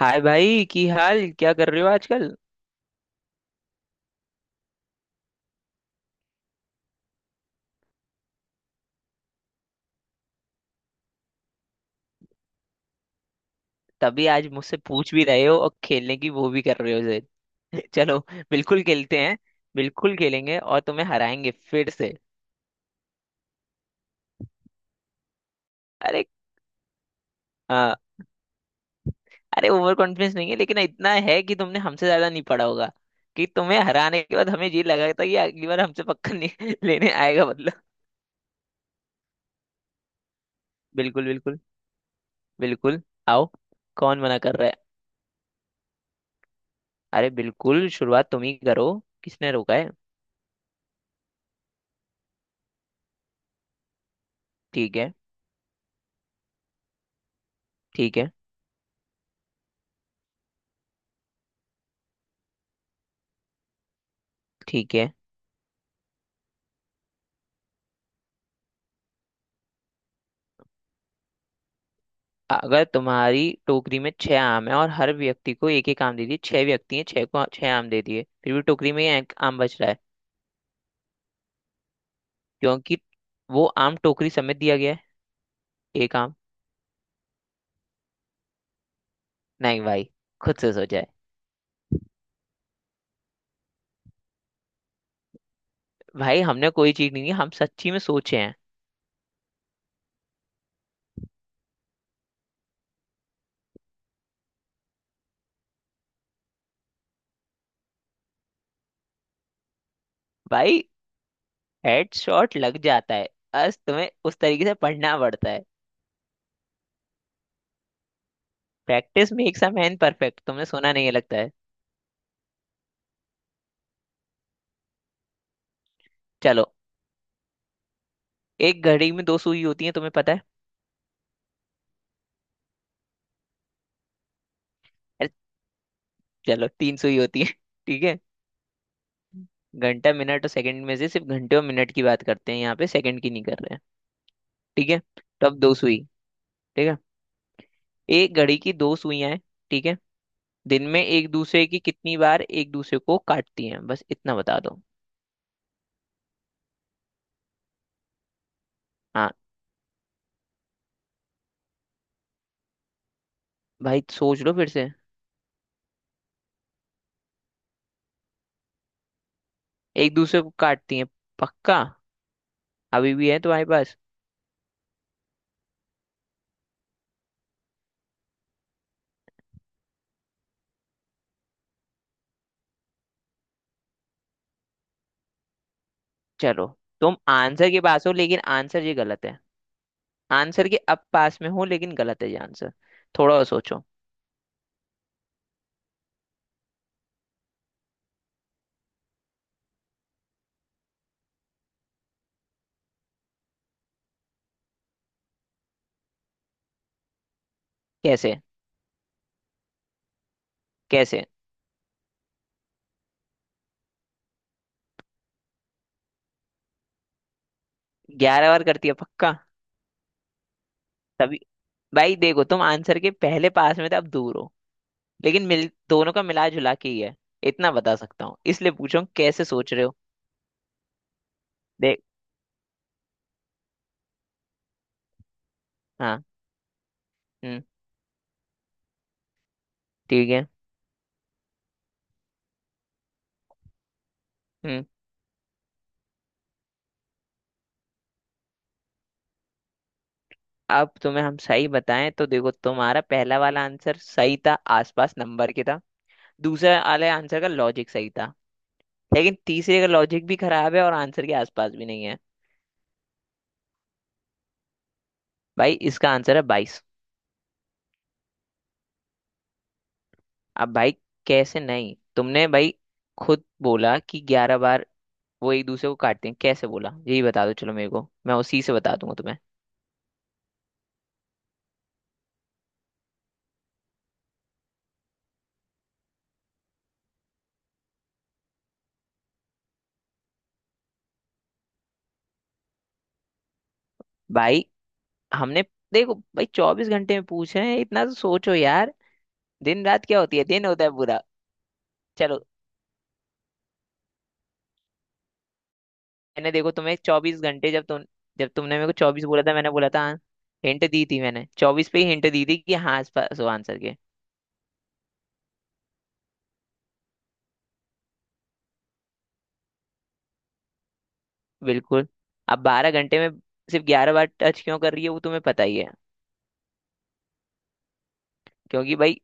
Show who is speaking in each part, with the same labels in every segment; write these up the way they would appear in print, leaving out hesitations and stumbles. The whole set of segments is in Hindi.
Speaker 1: हाय भाई, की हाल क्या कर रहे हो आजकल? तभी आज मुझसे पूछ भी रहे हो और खेलने की वो भी कर रहे हो जिद। चलो, बिल्कुल खेलते हैं। बिल्कुल खेलेंगे और तुम्हें हराएंगे फिर से। अरे। आ, अरे, ओवर कॉन्फिडेंस नहीं है, लेकिन इतना है कि तुमने हमसे ज्यादा नहीं पढ़ा होगा। कि तुम्हें हराने के बाद हमें ये लगा था कि अगली बार हमसे पक्का नहीं लेने आएगा बदला। बिल्कुल बिल्कुल। बिल्कुल। आओ, कौन मना कर रहा है? अरे बिल्कुल, शुरुआत तुम ही करो। किसने रोका है? ठीक है। ठीक है। ठीक है। अगर तुम्हारी टोकरी में छह आम है और हर व्यक्ति को एक एक आम दे दिए, छह व्यक्ति हैं, छह को छह आम दे दिए, फिर भी टोकरी में एक आम बच रहा है। क्योंकि वो आम टोकरी समेत दिया गया है। एक आम। नहीं भाई, खुद से सोचा है। भाई हमने कोई चीज नहीं की, हम सच्ची में सोचे हैं। भाई हेडशॉट लग जाता है, बस तुम्हें उस तरीके से पढ़ना पड़ता है। Practice makes a man perfect, तुमने सुना नहीं है लगता है। चलो। एक घड़ी में दो सुई होती है, तुम्हें पता है? अरे, चलो तीन सुई होती है ठीक है। घंटा मिनट और सेकंड में से सिर्फ घंटे और मिनट की बात करते हैं, यहाँ पे सेकंड की नहीं कर रहे हैं। ठीक है। तो अब दो सुई, ठीक है। एक घड़ी की दो सुइयां हैं, ठीक है। दिन में एक दूसरे की कितनी बार एक दूसरे को काटती हैं, बस इतना बता दो। हाँ। भाई सोच लो फिर से। एक दूसरे को काटती हैं, पक्का? अभी भी है तुम्हारे पास। चलो, तुम आंसर के पास हो, लेकिन आंसर ये गलत है। आंसर के अब पास में हो, लेकिन गलत है ये आंसर। थोड़ा और सोचो। कैसे? कैसे 11 बार करती है, पक्का? तभी। भाई देखो, तुम आंसर के पहले पास में थे, अब दूर हो। लेकिन मिल दोनों का मिला जुला के ही है। इतना बता सकता हूँ, इसलिए पूछा हूँ, कैसे सोच रहे हो? देख। हाँ। हम्म। ठीक है। हम्म। अब तुम्हें हम सही बताएं तो देखो, तुम्हारा पहला वाला आंसर सही था, आसपास नंबर के था। दूसरा वाले आंसर का लॉजिक सही था। लेकिन तीसरे का लॉजिक भी खराब है और आंसर के आसपास भी नहीं है। भाई इसका आंसर है 22। अब भाई, कैसे नहीं? तुमने भाई खुद बोला कि 11 बार वो एक दूसरे को काटते हैं, कैसे बोला? यही बता दो, चलो मेरे को, मैं उसी से बता दूंगा तुम्हें। भाई हमने। देखो भाई, 24 घंटे में पूछे हैं, इतना तो सोचो यार। दिन रात क्या होती है? दिन होता है पूरा। चलो, मैंने देखो तुम्हें 24 घंटे जब तुम, जब तुमने मेरे को 24 बोला था, मैंने बोला था हाँ। हिंट दी थी, मैंने 24 पे ही हिंट दी थी कि हाँ, इस पास हो आंसर के। बिल्कुल। अब 12 घंटे में सिर्फ 11 बार टच क्यों कर रही है, वो तुम्हें पता ही है। क्योंकि भाई,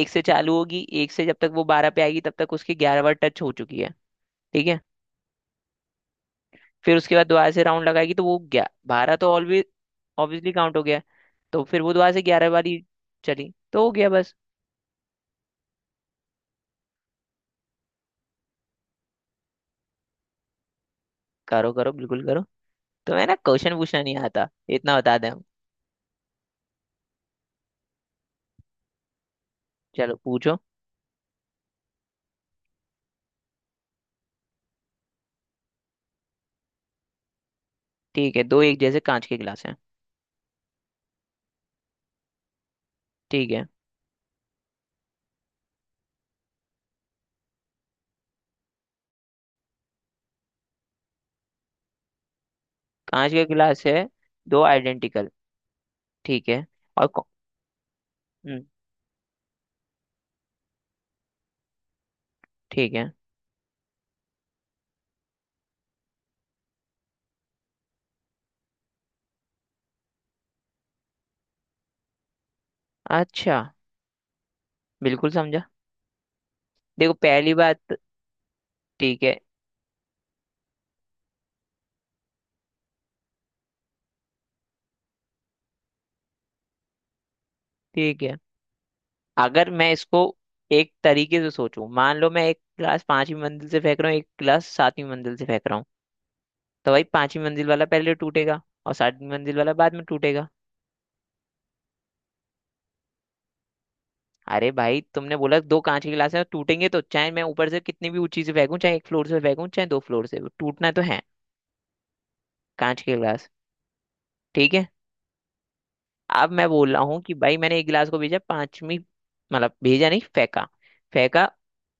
Speaker 1: एक से चालू होगी, एक से जब तक वो 12 पे आएगी तब तक उसकी 11 बार टच हो चुकी है। ठीक है। फिर उसके बाद दोबारा से राउंड लगाएगी तो वो ग्या 12 तो ऑलवेज ऑब्वियसली काउंट हो गया। तो फिर वो दोबारा से 11 वाली चली तो हो गया बस। करो करो, बिल्कुल करो। तो है ना, क्वेश्चन पूछना नहीं आता, इतना बता दें हम। चलो पूछो। ठीक है। दो एक जैसे कांच के गिलास हैं, ठीक है। कांच के गिलास है, दो आइडेंटिकल। ठीक है। और हम्म, ठीक है। अच्छा, बिल्कुल समझा। देखो पहली बात। ठीक है। ठीक है। अगर मैं इसको एक तरीके से सोचूं, मान लो मैं एक गिलास पांचवी मंजिल से फेंक रहा हूँ, एक गिलास सातवीं मंजिल से फेंक रहा हूँ। तो भाई पांचवी मंजिल वाला पहले टूटेगा और सातवीं मंजिल वाला बाद में टूटेगा। अरे भाई, तुमने बोला दो कांच के गिलास हैं, टूटेंगे तो, चाहे मैं ऊपर से कितनी भी ऊंची से फेंकूं, चाहे एक फ्लोर से फेंकूं चाहे दो फ्लोर से, वो टूटना तो है। कांच के गिलास। ठीक है। अब मैं बोल रहा हूँ कि भाई, मैंने एक गिलास को भेजा पांचवी, मतलब भेजा नहीं फेंका, फेंका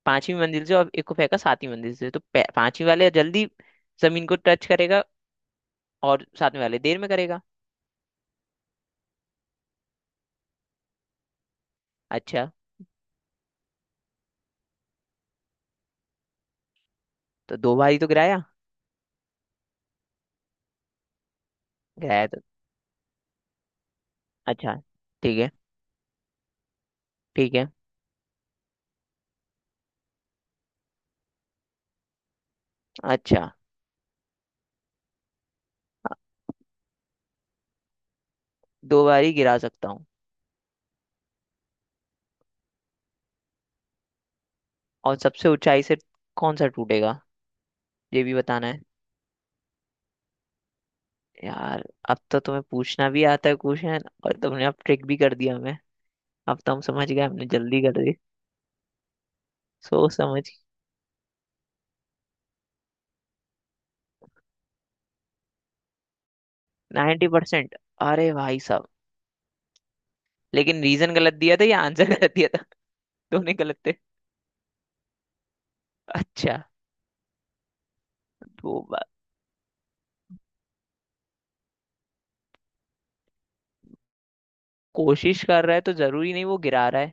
Speaker 1: पांचवी मंजिल से, और एक को फेंका सातवीं मंजिल से। तो पांचवी वाले जल्दी जमीन को टच करेगा, और साथ में वाले देर में करेगा। अच्छा। तो दो बारी तो गिराया। गिराया तो। अच्छा। ठीक है। ठीक है। अच्छा। अ, दो बारी गिरा सकता हूँ, और सबसे ऊंचाई से कौन सा टूटेगा, ये भी बताना है। यार, अब तो तुम्हें पूछना भी आता है क्वेश्चन, और तुमने अब ट्रिक भी कर दिया हमें। अब तो हम समझ गए, हमने जल्दी कर दी। सोच समझ। 90%? अरे भाई साहब। लेकिन रीजन गलत दिया था या आंसर गलत दिया था, दोनों गलत थे? अच्छा। दो बार कोशिश कर रहा है तो जरूरी नहीं वो गिरा रहा है।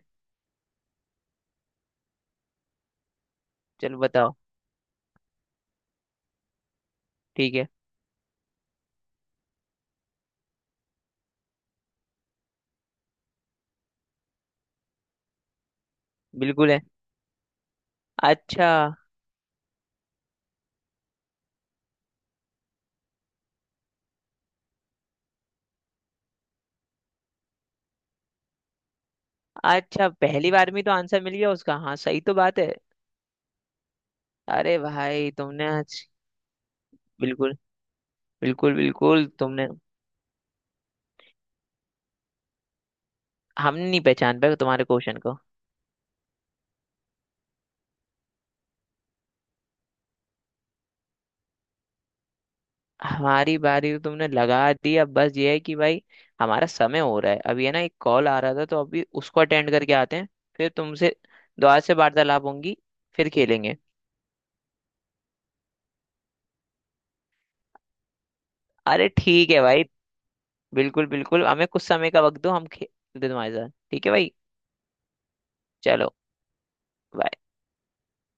Speaker 1: चलो बताओ। ठीक है। बिल्कुल है। अच्छा। अच्छा, पहली बार में तो आंसर मिल गया उसका, हाँ सही तो बात है। अरे भाई तुमने आज, बिल्कुल। बिल्कुल बिल्कुल तुमने। हम नहीं पहचान पाए तुम्हारे क्वेश्चन को। हमारी बारी तो तुमने लगा दी, अब बस ये है कि भाई, हमारा समय हो रहा है अभी, है ना? एक कॉल आ रहा था तो अभी उसको अटेंड करके आते हैं, फिर तुमसे दोबारा से वार्तालाप होंगी, फिर खेलेंगे। अरे ठीक है भाई। बिल्कुल बिल्कुल, हमें कुछ समय का वक्त दो, हम खेलते हैं तुम्हारे साथ, ठीक है भाई। चलो। bye।